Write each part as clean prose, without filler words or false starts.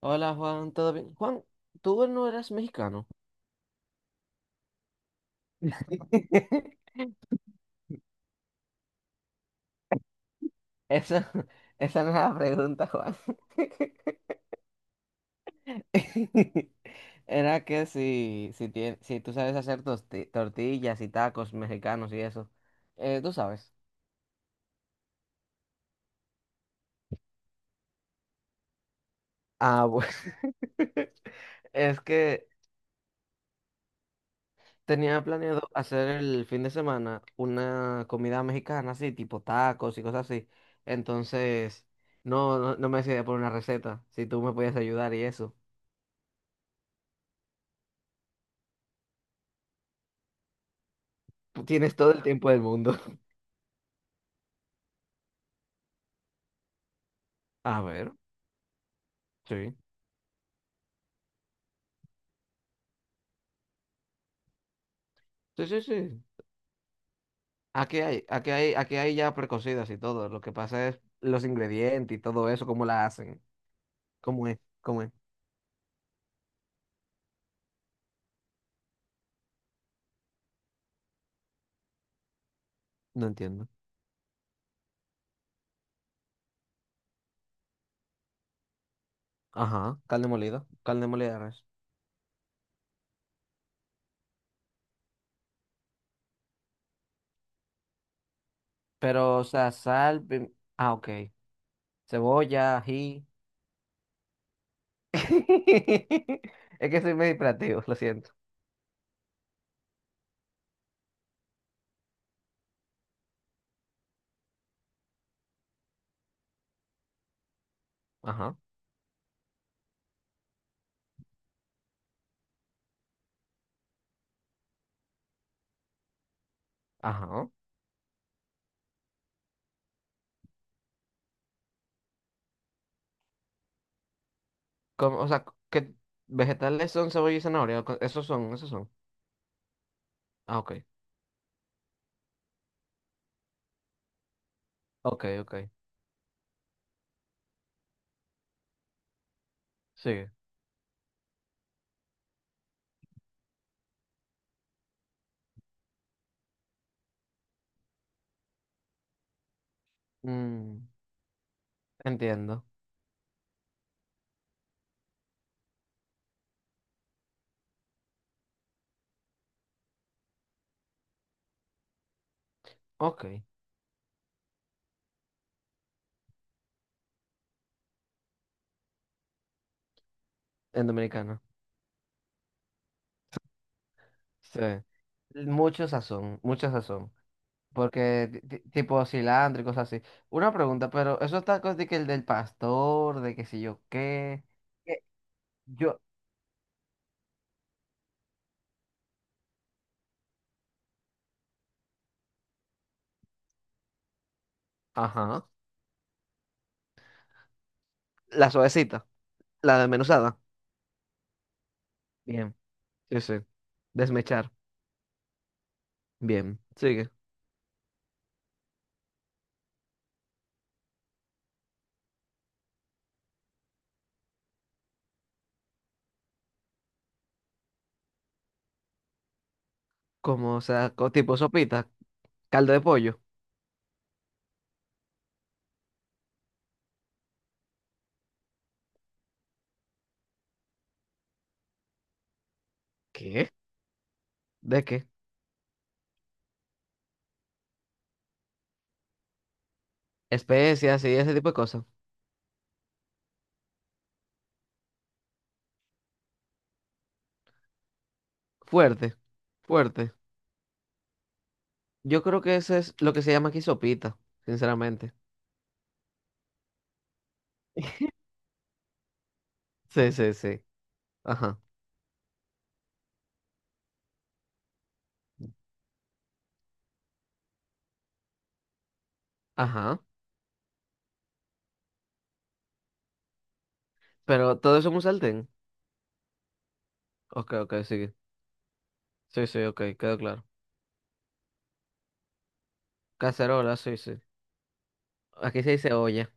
Hola Juan, ¿todo bien? Juan, ¿tú no eres mexicano? Esa, esa no era la pregunta, Juan. Era que si tú sabes hacer tortillas y tacos mexicanos y eso. Tú sabes. Ah, bueno. Es que tenía planeado hacer el fin de semana una comida mexicana, así, tipo tacos y cosas así. Entonces, no me decidí por una receta, si tú me puedes ayudar y eso. Tienes todo el tiempo del mundo. A ver, sí. Sí, sí, sí. Aquí hay ya precocidas y todo. Lo que pasa es los ingredientes y todo eso, cómo la hacen. ¿Cómo es? No entiendo. Ajá, carne molida de res. Pero, o sea, ah, ok. Cebolla, ají. Es que soy medio hiperactivo, lo siento. Ajá, ajá. Como, o sea, ¿qué vegetales son cebolla y zanahoria? Esos son, esos son. Ah, ok. Ok. Sigue. Mm. Entiendo. Ok. En dominicano. Sí. Mucho sazón. Porque tipo cilantro y cosas así. Una pregunta, pero esos tacos de que el del pastor, de que si yo qué. Que Yo. Ajá. La suavecita. La desmenuzada. Bien. Sí, sí. Desmechar. Bien. Sigue. Como, o sea, tipo sopita. Caldo de pollo. ¿Qué? ¿De qué? Especias y ese tipo de cosas. Fuerte. Fuerte. Yo creo que eso es lo que se llama aquí sopita, sinceramente. Sí, sí, sí. Ajá, ajá. Pero todo eso es un sartén. Ok, ok, sí. Sí, sí, ok, quedó claro. Cacerola, sí, sí. Aquí se dice olla.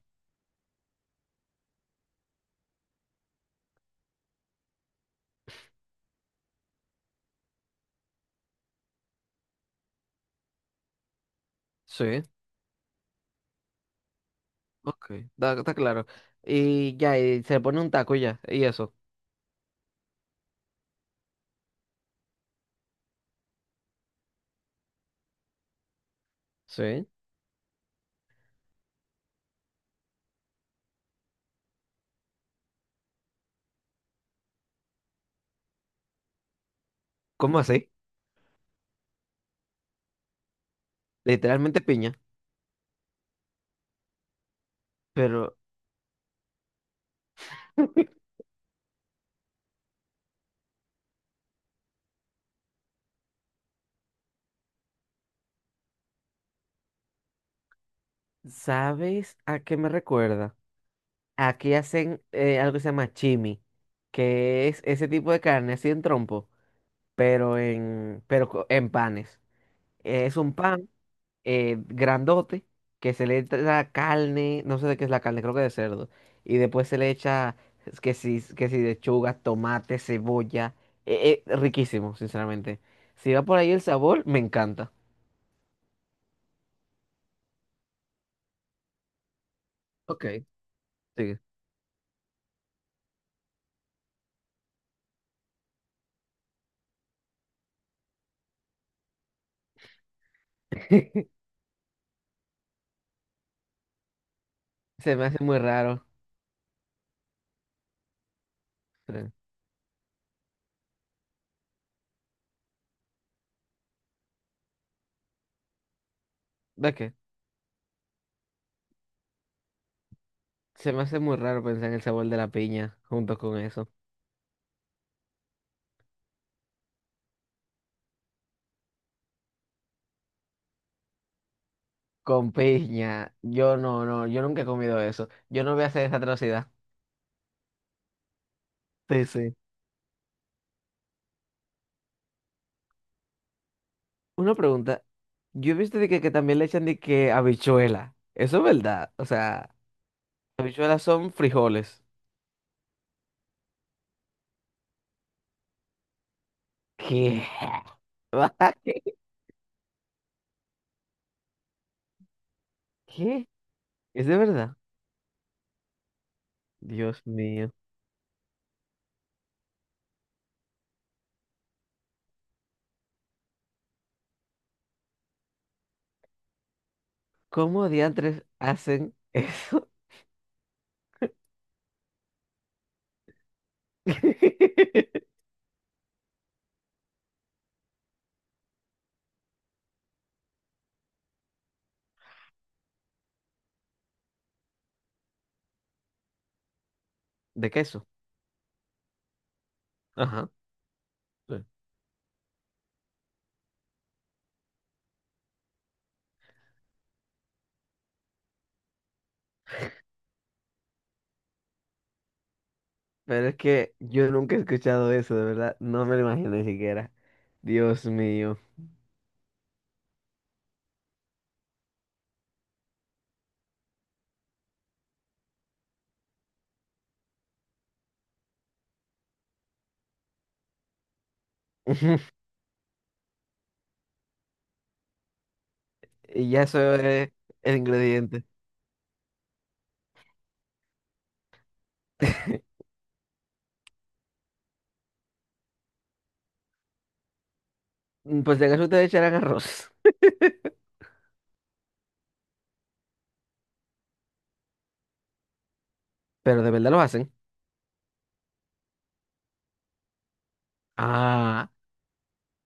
Sí, ok, está, está claro. Y ya, y se pone un taco y ya, y eso. Sí. ¿Cómo así? Literalmente piña. Pero, ¿sabes a qué me recuerda? Aquí hacen algo que se llama chimi, que es ese tipo de carne así en trompo. Pero en, en panes. Es un pan grandote que se le echa carne, no sé de qué es la carne, creo que de cerdo. Y después se le echa es que si lechuga, tomate, cebolla. Riquísimo, sinceramente. Si va por ahí el sabor, me encanta. Ok. Sigue. Se me hace muy raro. Sí. ¿De qué? Se me hace muy raro pensar en el sabor de la piña junto con eso. Con piña. Yo no, no, yo nunca he comido eso. Yo no voy a hacer esa atrocidad. Sí, sí. Una pregunta. Yo he visto que también le echan de que habichuela. Eso es verdad. O sea, habichuelas son frijoles. ¿Qué? ¿Qué? ¿Es de verdad? Dios mío. ¿Cómo diantres hacen eso? De queso. Ajá. Sí. Pero es que yo nunca he escuchado eso, de verdad. No me lo imagino ni siquiera. Dios mío. Y ya eso es el ingrediente. Pues de acaso ustedes echarán arroz. Pero de verdad lo hacen. Ah,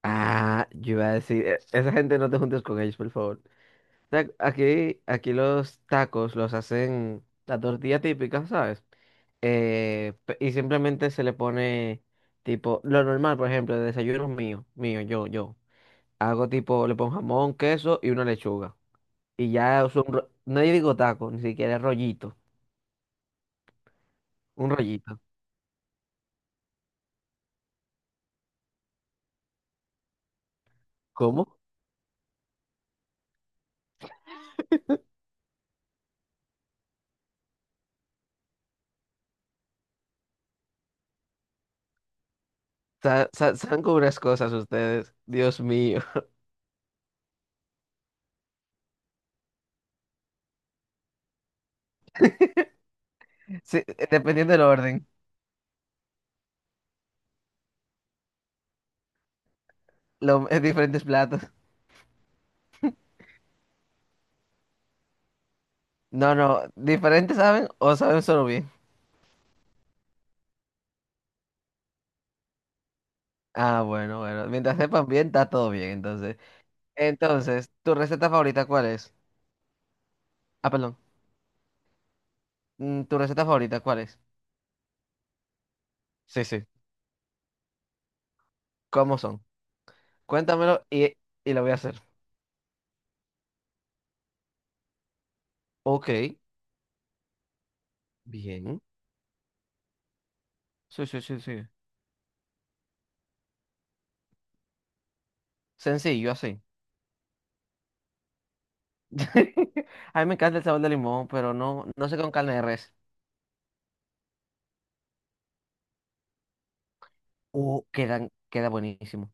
ah, yo iba a decir, "E- esa gente no te juntes con ellos, por favor. O sea, aquí los tacos los hacen la tortilla típica, ¿sabes? Y simplemente se le pone tipo, lo normal, por ejemplo, de desayuno yo. Hago tipo, le pongo jamón, queso y una lechuga. Y ya uso un, no digo taco, ni siquiera rollito, un rollito. ¿Cómo? Saben con unas cosas ustedes, Dios mío. Sí, dependiendo del orden. Lo, diferentes platos. No, no, ¿diferentes saben o saben solo bien? Ah, bueno, bueno. Mientras sepan bien, está todo bien, entonces. Entonces, ¿tu receta favorita cuál es? Ah, perdón. Mm, ¿tu receta favorita cuál es? Sí, sí. ¿Cómo son? Cuéntamelo y lo voy a hacer. Ok, bien. Sí, sí, sí, sí. Sencillo, así. A mí me encanta el sabor de limón, pero no, no sé con carne de res. Queda buenísimo.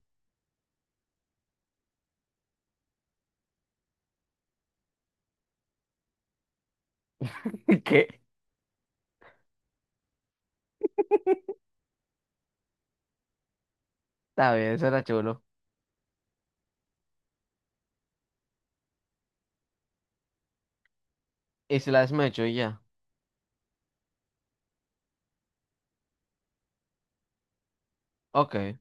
¿Qué? Está bien, será chulo. Y si la desmecho y ya. Ok.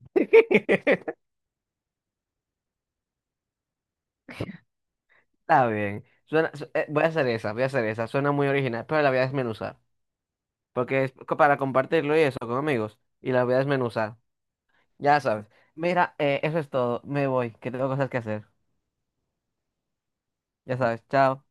Está bien. Voy a hacer esa, voy a hacer esa. Suena muy original, pero la voy a desmenuzar. Porque es para compartirlo y eso con amigos. Y la voy a desmenuzar. Ya sabes. Mira, eso es todo. Me voy, que tengo cosas que hacer. Ya sabes. Chao.